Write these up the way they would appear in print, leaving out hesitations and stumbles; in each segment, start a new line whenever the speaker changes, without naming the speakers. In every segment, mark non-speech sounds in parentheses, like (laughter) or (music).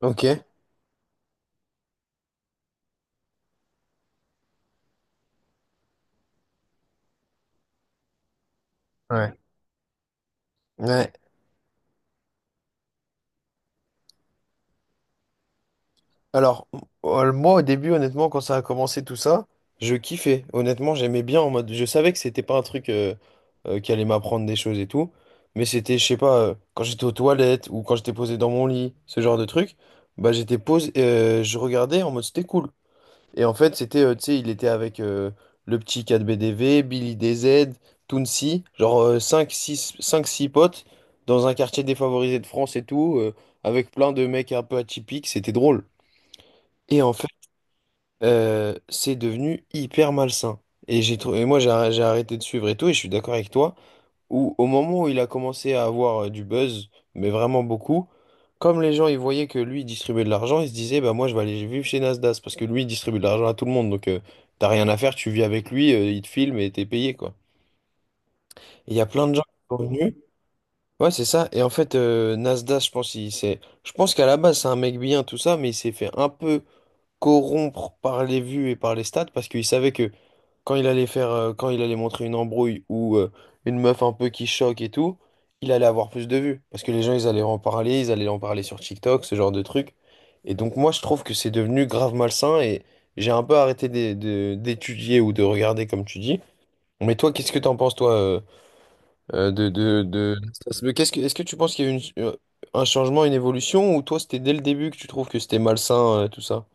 Ok. Ouais. Ouais. Alors, moi, au début, honnêtement, quand ça a commencé tout ça, je kiffais. Honnêtement, j'aimais bien en mode. Je savais que c'était pas un truc qui allait m'apprendre des choses et tout. Mais c'était, je sais pas, quand j'étais aux toilettes ou quand j'étais posé dans mon lit, ce genre de truc, bah j'étais posé, je regardais en mode c'était cool. Et en fait, c'était, tu sais, il était avec le petit 4BDV, Billy DZ, Tounsi, genre cinq, six, cinq, six potes dans un quartier défavorisé de France et tout, avec plein de mecs un peu atypiques, c'était drôle. Et en fait, c'est devenu hyper malsain. Et moi, j'ai arrêté de suivre et tout, et je suis d'accord avec toi où au moment où il a commencé à avoir du buzz, mais vraiment beaucoup, comme les gens ils voyaient que lui il distribuait de l'argent, ils se disaient bah moi je vais aller vivre chez Nasdaq parce que lui il distribue de l'argent à tout le monde, donc t'as rien à faire, tu vis avec lui, il te filme et t'es payé quoi. Il y a plein de gens qui sont venus. Ouais, c'est ça. Et en fait, Nasdaq, je pense, je pense qu'à la base, c'est un mec bien, tout ça, mais il s'est fait un peu corrompre par les vues et par les stats parce qu'il savait que quand il allait faire, quand il allait montrer une embrouille ou une meuf un peu qui choque et tout, il allait avoir plus de vues. Parce que les gens, ils allaient en parler, ils allaient en parler sur TikTok, ce genre de truc. Et donc, moi, je trouve que c'est devenu grave malsain et j'ai un peu arrêté d'étudier ou de regarder, comme tu dis. Mais toi, qu'est-ce que t'en penses, toi, euh, de, de, de... Mais est-ce que tu penses qu'il y a eu un changement, une évolution, ou toi, c'était dès le début que tu trouves que c'était malsain, tout ça?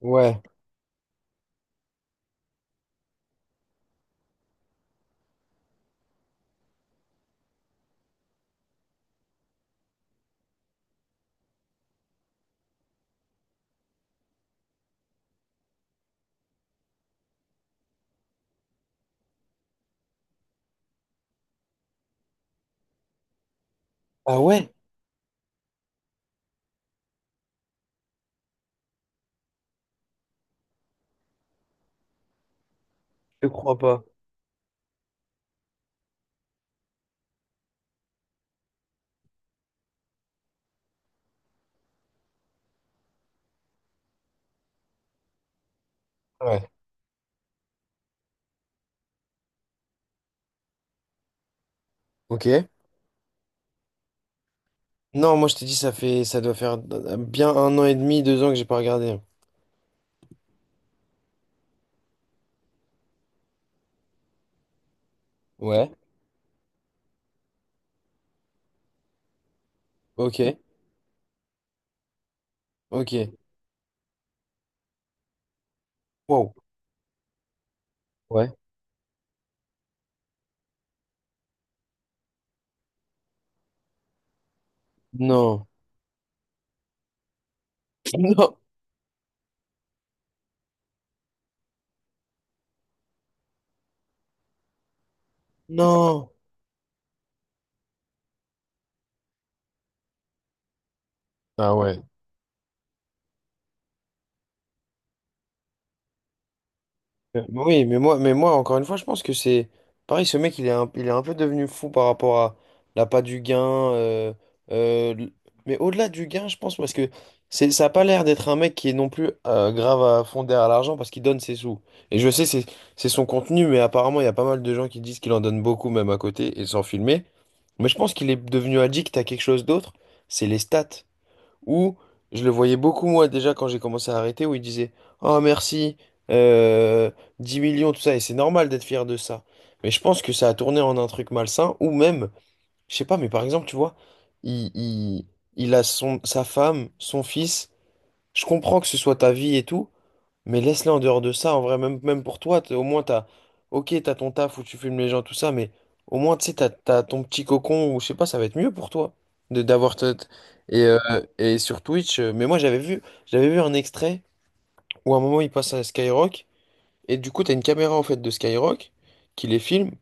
Ouais. Ah ouais? Je crois pas. Ouais. Ok. Non, moi je t'ai dit, ça fait, ça doit faire bien un an et demi, deux ans que j'ai pas regardé. Ouais. Ok, ok. Wow. Ouais. Non. (laughs) Non. Non. Ah ouais. Oui, mais moi, encore une fois, je pense que c'est pareil. Ce mec, il est un peu devenu fou par rapport à l'appât du gain. Euh, l- mais au-delà du gain, je pense, parce que c'est, ça a pas l'air d'être un mec qui est non plus grave à fond derrière l'argent parce qu'il donne ses sous. Et je sais, c'est son contenu, mais apparemment, il y a pas mal de gens qui disent qu'il en donne beaucoup, même à côté, et sans filmer. Mais je pense qu'il est devenu addict à quelque chose d'autre. C'est les stats. Ou je le voyais beaucoup moi déjà quand j'ai commencé à arrêter, où il disait Oh merci, euh, 10 millions, tout ça, et c'est normal d'être fier de ça. Mais je pense que ça a tourné en un truc malsain, ou même, je sais pas, mais par exemple, tu vois, il, il, il a son, sa femme, son fils, je comprends que ce soit ta vie et tout, mais laisse-les en dehors de ça, en vrai, même, même pour toi, au moins t'as. Ok, t'as ton taf où tu filmes les gens, tout ça, mais au moins, tu sais, t'as ton petit cocon, ou je sais pas, ça va être mieux pour toi de d'avoir. Et, euh, et sur Twitch, mais moi j'avais vu un extrait où à un moment il passe à Skyrock, et du coup, t'as une caméra en fait de Skyrock qui les filme,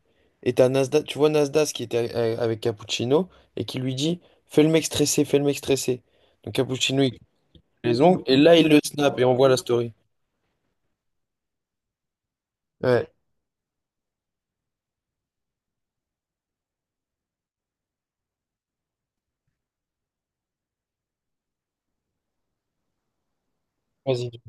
et t'as Nasdaq, tu vois Nasdaq qui était avec Cappuccino, et qui lui dit, fais le mec stressé, fais le mec stressé. Donc Cappuccino, il coupe les ongles, et là, il le snap, et on voit la story. Ouais. Vas-y.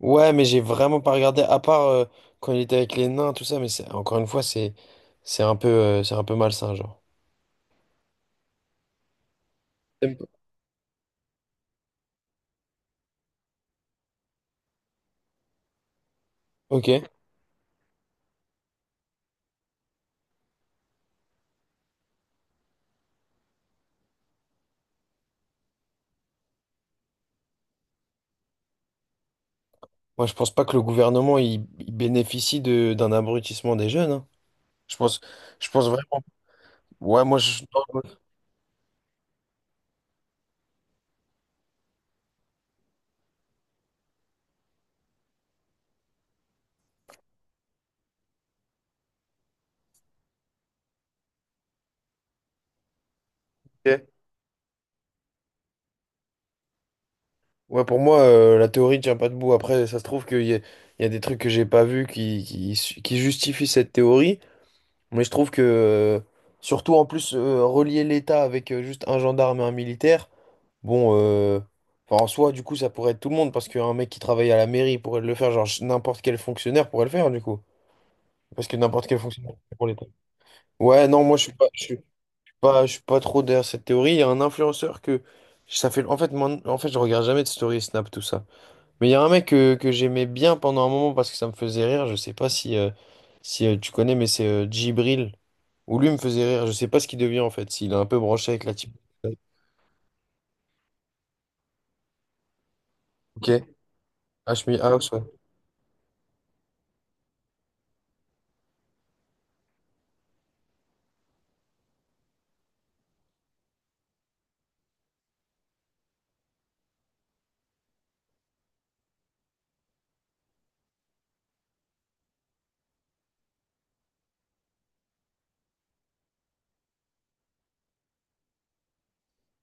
Ouais, mais j'ai vraiment pas regardé, à part quand il était avec les nains, tout ça, mais c'est encore une fois, c'est un peu malsain, genre. T'aimes pas. Ok. Moi, je pense pas que le gouvernement il bénéficie de d'un abrutissement des jeunes. Hein. Je pense, vraiment. Ouais, moi, je. Ok. Ouais, pour moi, la théorie tient pas debout. Après, ça se trouve qu'il y a, il y a des trucs que j'ai pas vus qui justifient cette théorie. Mais je trouve que, surtout en plus, relier l'État avec juste un gendarme et un militaire, bon, enfin, en soi, du coup, ça pourrait être tout le monde, parce qu'un mec qui travaille à la mairie pourrait le faire, genre n'importe quel fonctionnaire pourrait le faire, du coup. Parce que n'importe quel fonctionnaire c'est pour l'État. Ouais, non, moi, je suis pas trop derrière cette théorie. Il y a un influenceur que. Ça fait, en fait, je regarde jamais de story Snap, tout ça. Mais il y a un mec que j'aimais bien pendant un moment parce que ça me faisait rire. Je sais pas si, tu connais, mais c'est Djibril. Ou lui me faisait rire, je sais pas ce qu'il devient en fait, s'il est un peu branché avec la type. Ok, HMI House, ouais.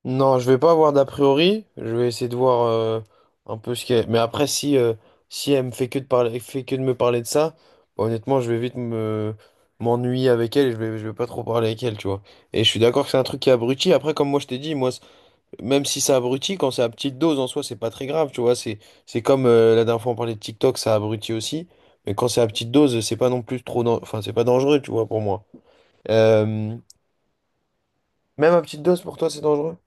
Non, je vais pas avoir d'a priori, je vais essayer de voir un peu ce qu'elle... Mais après, si elle me fait que de parler, fait que de me parler de ça, bah, honnêtement, je vais vite me m'ennuyer avec elle et je vais pas trop parler avec elle, tu vois. Et je suis d'accord que c'est un truc qui abrutit. Après, comme moi je t'ai dit, moi, même si ça abrutit, quand c'est à petite dose, en soi, c'est pas très grave, tu vois. C'est comme la dernière fois on parlait de TikTok, ça abrutit aussi. Mais quand c'est à petite dose, c'est pas non plus trop, enfin, c'est pas dangereux, tu vois, pour moi. Euh, Même à petite dose, pour toi, c'est dangereux?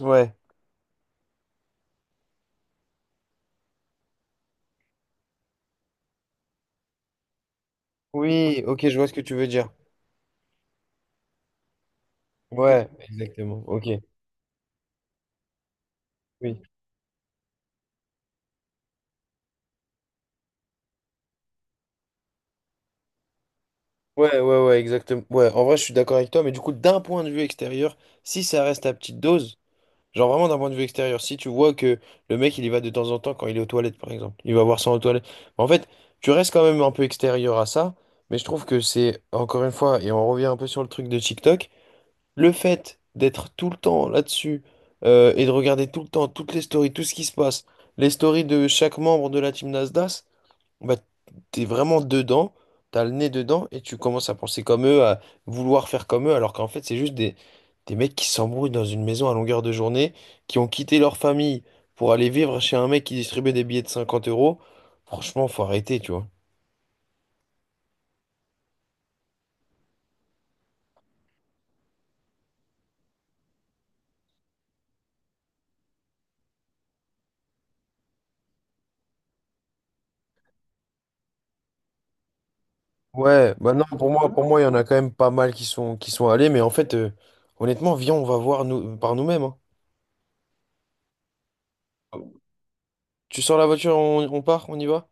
Ouais. Oui, ok, je vois ce que tu veux dire. Ouais, exactement. Ok. Oui. Ouais, ouais, ouais, exactement. Ouais, en vrai, je suis d'accord avec toi, mais du coup, d'un point de vue extérieur, si ça reste à petite dose, genre vraiment d'un point de vue extérieur. Si tu vois que le mec il y va de temps en temps quand il est aux toilettes par exemple, il va voir ça aux toilettes. En fait, tu restes quand même un peu extérieur à ça, mais je trouve que c'est encore une fois, et on revient un peu sur le truc de TikTok, le fait d'être tout le temps là-dessus et de regarder tout le temps toutes les stories, tout ce qui se passe, les stories de chaque membre de la team Nasdaq, bah, t'es vraiment dedans, t'as le nez dedans et tu commences à penser comme eux, à vouloir faire comme eux, alors qu'en fait, c'est juste des mecs qui s'embrouillent dans une maison à longueur de journée, qui ont quitté leur famille pour aller vivre chez un mec qui distribuait des billets de 50 euros. Franchement, faut arrêter, tu vois. Ouais, bah non, pour moi, il y en a quand même pas mal qui sont allés, mais en fait, honnêtement, viens, on va voir nous, par nous-mêmes. Hein. Tu sors la voiture, on part, on y va?